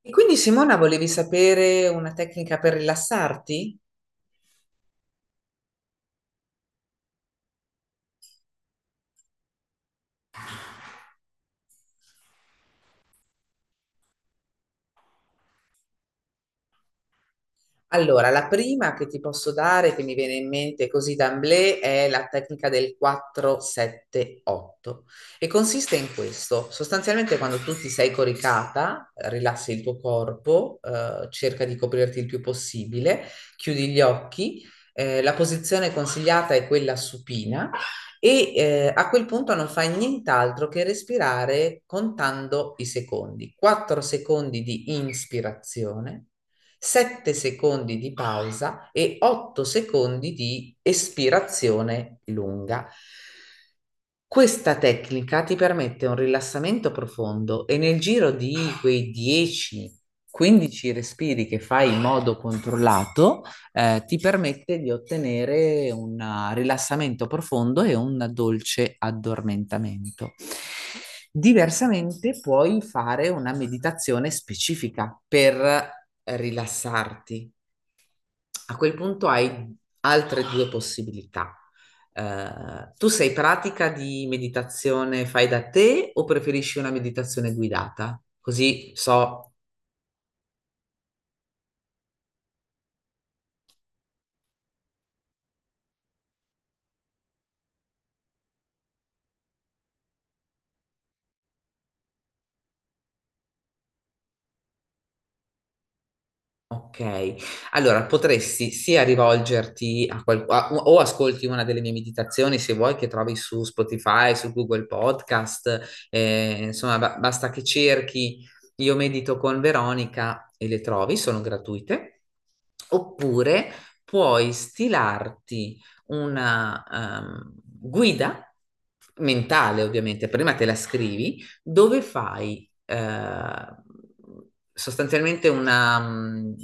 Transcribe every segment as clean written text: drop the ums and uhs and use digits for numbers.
E quindi Simona, volevi sapere una tecnica per rilassarti? Allora, la prima che ti posso dare, che mi viene in mente così d'amblè, è la tecnica del 4-7-8 e consiste in questo. Sostanzialmente quando tu ti sei coricata, rilassi il tuo corpo, cerca di coprirti il più possibile, chiudi gli occhi, la posizione consigliata è quella supina e a quel punto non fai nient'altro che respirare contando i secondi. 4 secondi di inspirazione. 7 secondi di pausa e 8 secondi di espirazione lunga. Questa tecnica ti permette un rilassamento profondo e nel giro di quei 10-15 respiri che fai in modo controllato, ti permette di ottenere un rilassamento profondo e un dolce addormentamento. Diversamente puoi fare una meditazione specifica per rilassarti, a quel punto hai altre due possibilità. Tu sei pratica di meditazione fai da te o preferisci una meditazione guidata? Così so. Ok, allora potresti sia rivolgerti a qualcuno o ascolti una delle mie meditazioni se vuoi, che trovi su Spotify, su Google Podcast, insomma basta che cerchi. Io medito con Veronica e le trovi, sono gratuite, oppure puoi stilarti una guida mentale, ovviamente, prima te la scrivi, dove fai eh, sostanzialmente una,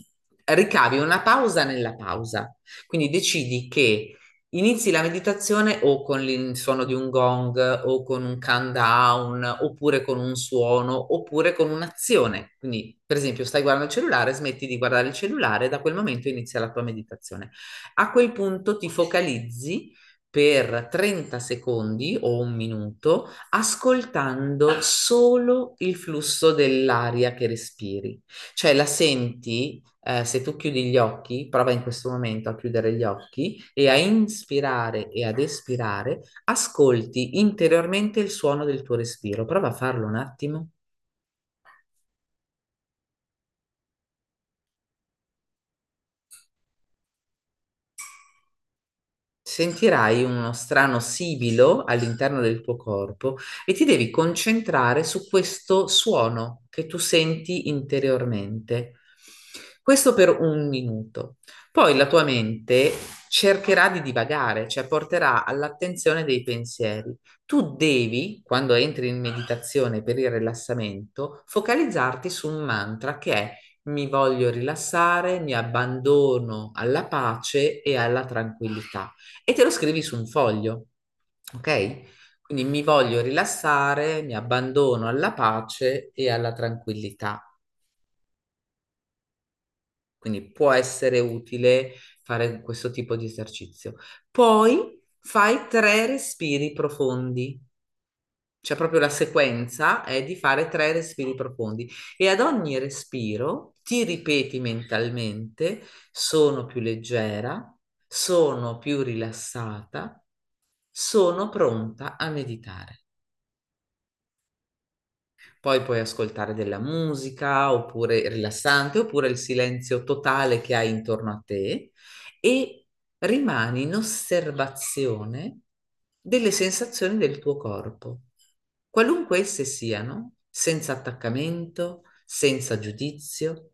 ricavi una pausa nella pausa. Quindi decidi che inizi la meditazione o con il suono di un gong o con un countdown oppure con un suono oppure con un'azione. Quindi, per esempio, stai guardando il cellulare, smetti di guardare il cellulare, e da quel momento inizia la tua meditazione. A quel punto ti focalizzi per 30 secondi o un minuto, ascoltando solo il flusso dell'aria che respiri. Cioè la senti, se tu chiudi gli occhi, prova in questo momento a chiudere gli occhi e a inspirare e ad espirare, ascolti interiormente il suono del tuo respiro. Prova a farlo un attimo. Sentirai uno strano sibilo all'interno del tuo corpo e ti devi concentrare su questo suono che tu senti interiormente. Questo per un minuto. Poi la tua mente cercherà di divagare, cioè porterà all'attenzione dei pensieri. Tu devi, quando entri in meditazione per il rilassamento, focalizzarti su un mantra che è: mi voglio rilassare, mi abbandono alla pace e alla tranquillità, e te lo scrivi su un foglio, ok? Quindi mi voglio rilassare, mi abbandono alla pace e alla tranquillità. Quindi può essere utile fare questo tipo di esercizio. Poi fai tre respiri profondi. Cioè proprio la sequenza è di fare tre respiri profondi e ad ogni respiro ti ripeti mentalmente: sono più leggera, sono più rilassata, sono pronta a meditare. Poi puoi ascoltare della musica oppure rilassante oppure il silenzio totale che hai intorno a te e rimani in osservazione delle sensazioni del tuo corpo, qualunque esse siano, senza attaccamento, senza giudizio,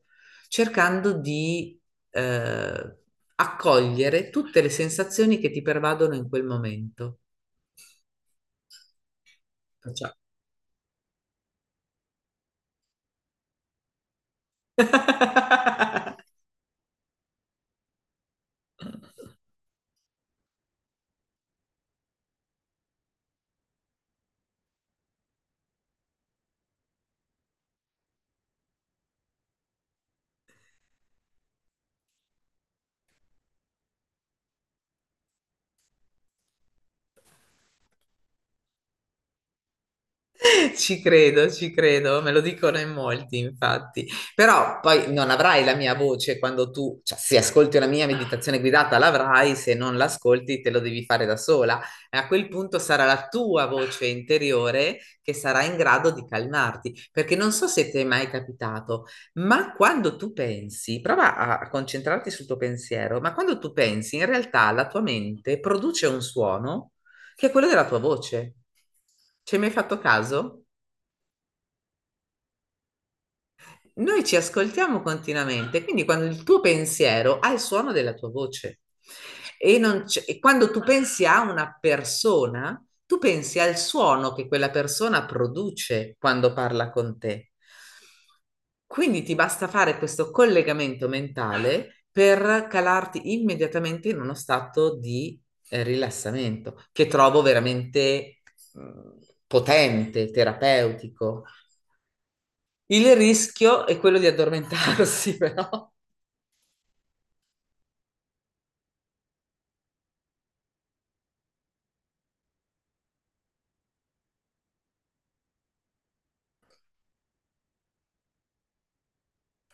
cercando di eh, accogliere tutte le sensazioni che ti pervadono in quel momento. Cioè, ci credo, ci credo, me lo dicono in molti, infatti. Però poi non avrai la mia voce quando tu, cioè se ascolti una mia meditazione guidata l'avrai, se non l'ascolti te lo devi fare da sola. E a quel punto sarà la tua voce interiore che sarà in grado di calmarti, perché non so se ti è mai capitato, ma quando tu pensi, prova a concentrarti sul tuo pensiero, ma quando tu pensi, in realtà la tua mente produce un suono che è quello della tua voce. Ci hai mai fatto caso? Noi ci ascoltiamo continuamente, quindi quando il tuo pensiero ha il suono della tua voce e, non c'è- e quando tu pensi a una persona, tu pensi al suono che quella persona produce quando parla con te. Quindi ti basta fare questo collegamento mentale per calarti immediatamente in uno stato di rilassamento, che trovo veramente mh, potente, terapeutico. Il rischio è quello di addormentarsi, però.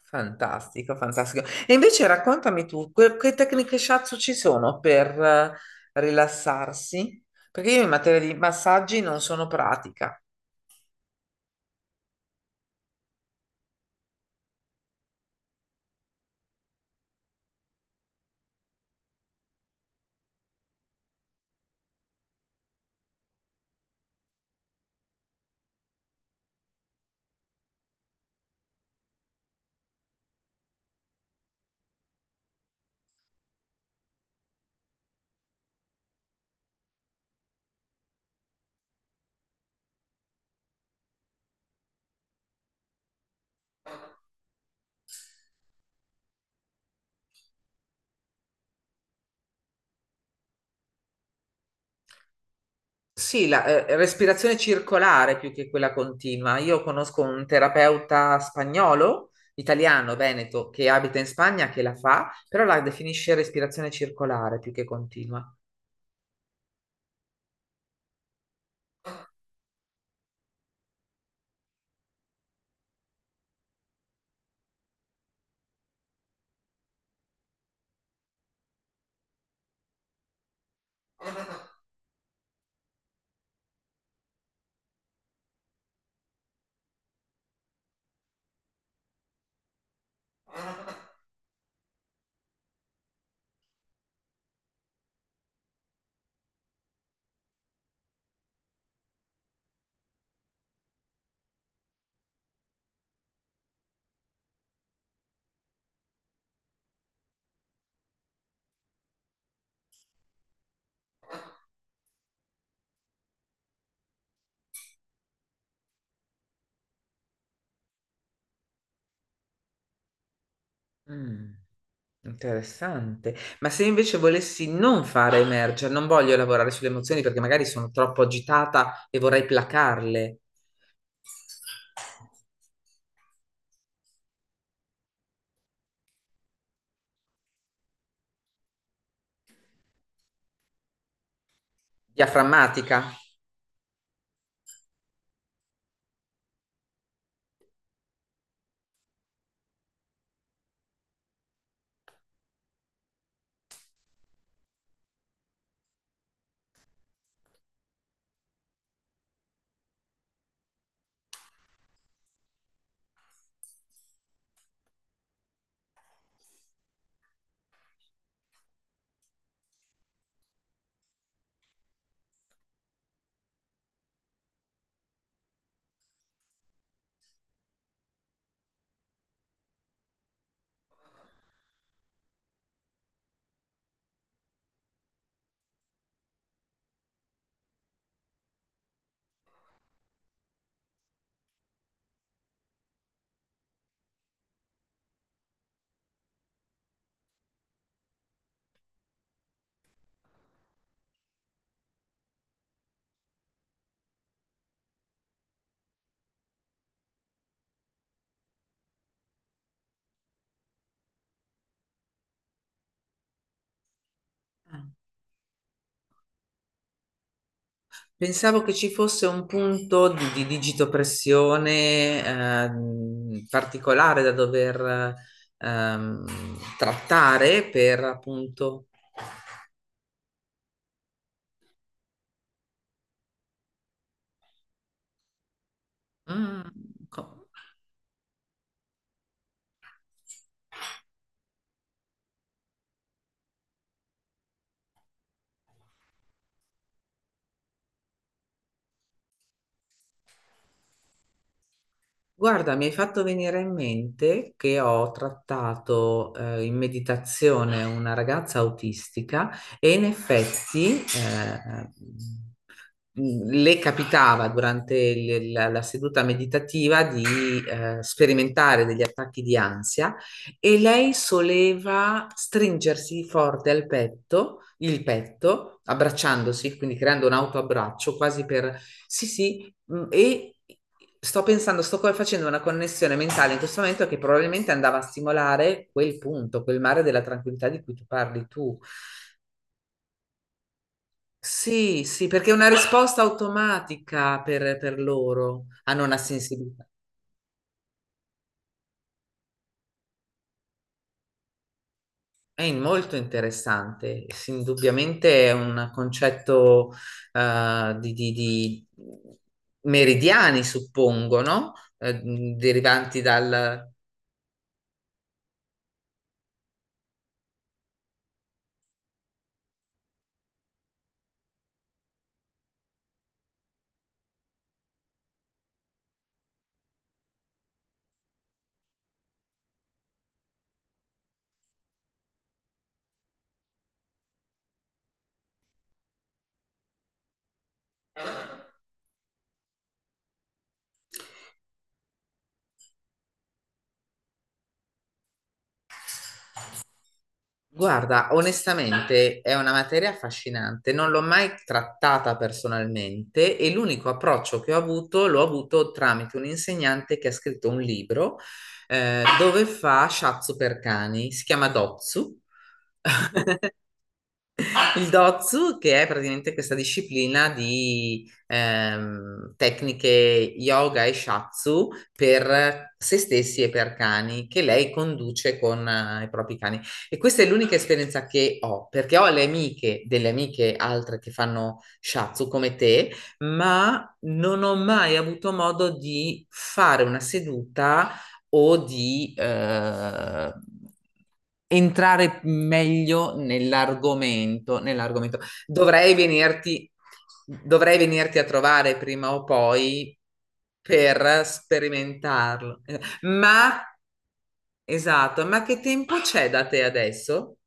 Fantastico, fantastico. E invece raccontami tu, che tecniche shiatsu ci sono per rilassarsi? Perché io in materia di massaggi non sono pratica. Sì, la respirazione circolare più che quella continua. Io conosco un terapeuta spagnolo, italiano, veneto, che abita in Spagna, che la fa, però la definisce respirazione circolare più che continua. Mm, interessante. Ma se invece volessi non fare emergere, non voglio lavorare sulle emozioni perché magari sono troppo agitata e vorrei placarle, diaframmatica. Pensavo che ci fosse un punto di digitopressione particolare da dover ehm, trattare, per appunto. Mm, co- Guarda, mi hai fatto venire in mente che ho trattato in meditazione una ragazza autistica e in effetti le capitava durante la seduta meditativa di sperimentare degli attacchi di ansia e lei soleva stringersi forte al petto, il petto, abbracciandosi, quindi creando un autoabbraccio, quasi per... sì, sì. Mm, e sto pensando, facendo una connessione mentale in questo momento, che probabilmente andava a stimolare quel punto, quel mare della tranquillità di cui tu parli tu. Sì, sì, perché è una risposta automatica per loro, hanno una sensibilità. Molto interessante, sì, indubbiamente è un concetto di, di meridiani, suppongo, no? Derivanti dal... Guarda, onestamente è una materia affascinante, non l'ho mai trattata personalmente e l'unico approccio che ho avuto l'ho avuto tramite un insegnante che ha scritto un libro dove fa shiatsu per cani, si chiama Dotsu. Il Dozu, che è praticamente questa disciplina di tecniche yoga e shatsu per se stessi e per cani, che lei conduce con i propri cani. E questa è l'unica esperienza che ho, perché ho le amiche, delle amiche altre che fanno shatsu come te, ma non ho mai avuto modo di fare una seduta o di entrare meglio nell'argomento, nell'argomento. Dovrei venirti, dovrei venirti a trovare prima o poi per sperimentarlo. Ma, esatto, ma che tempo c'è da te adesso?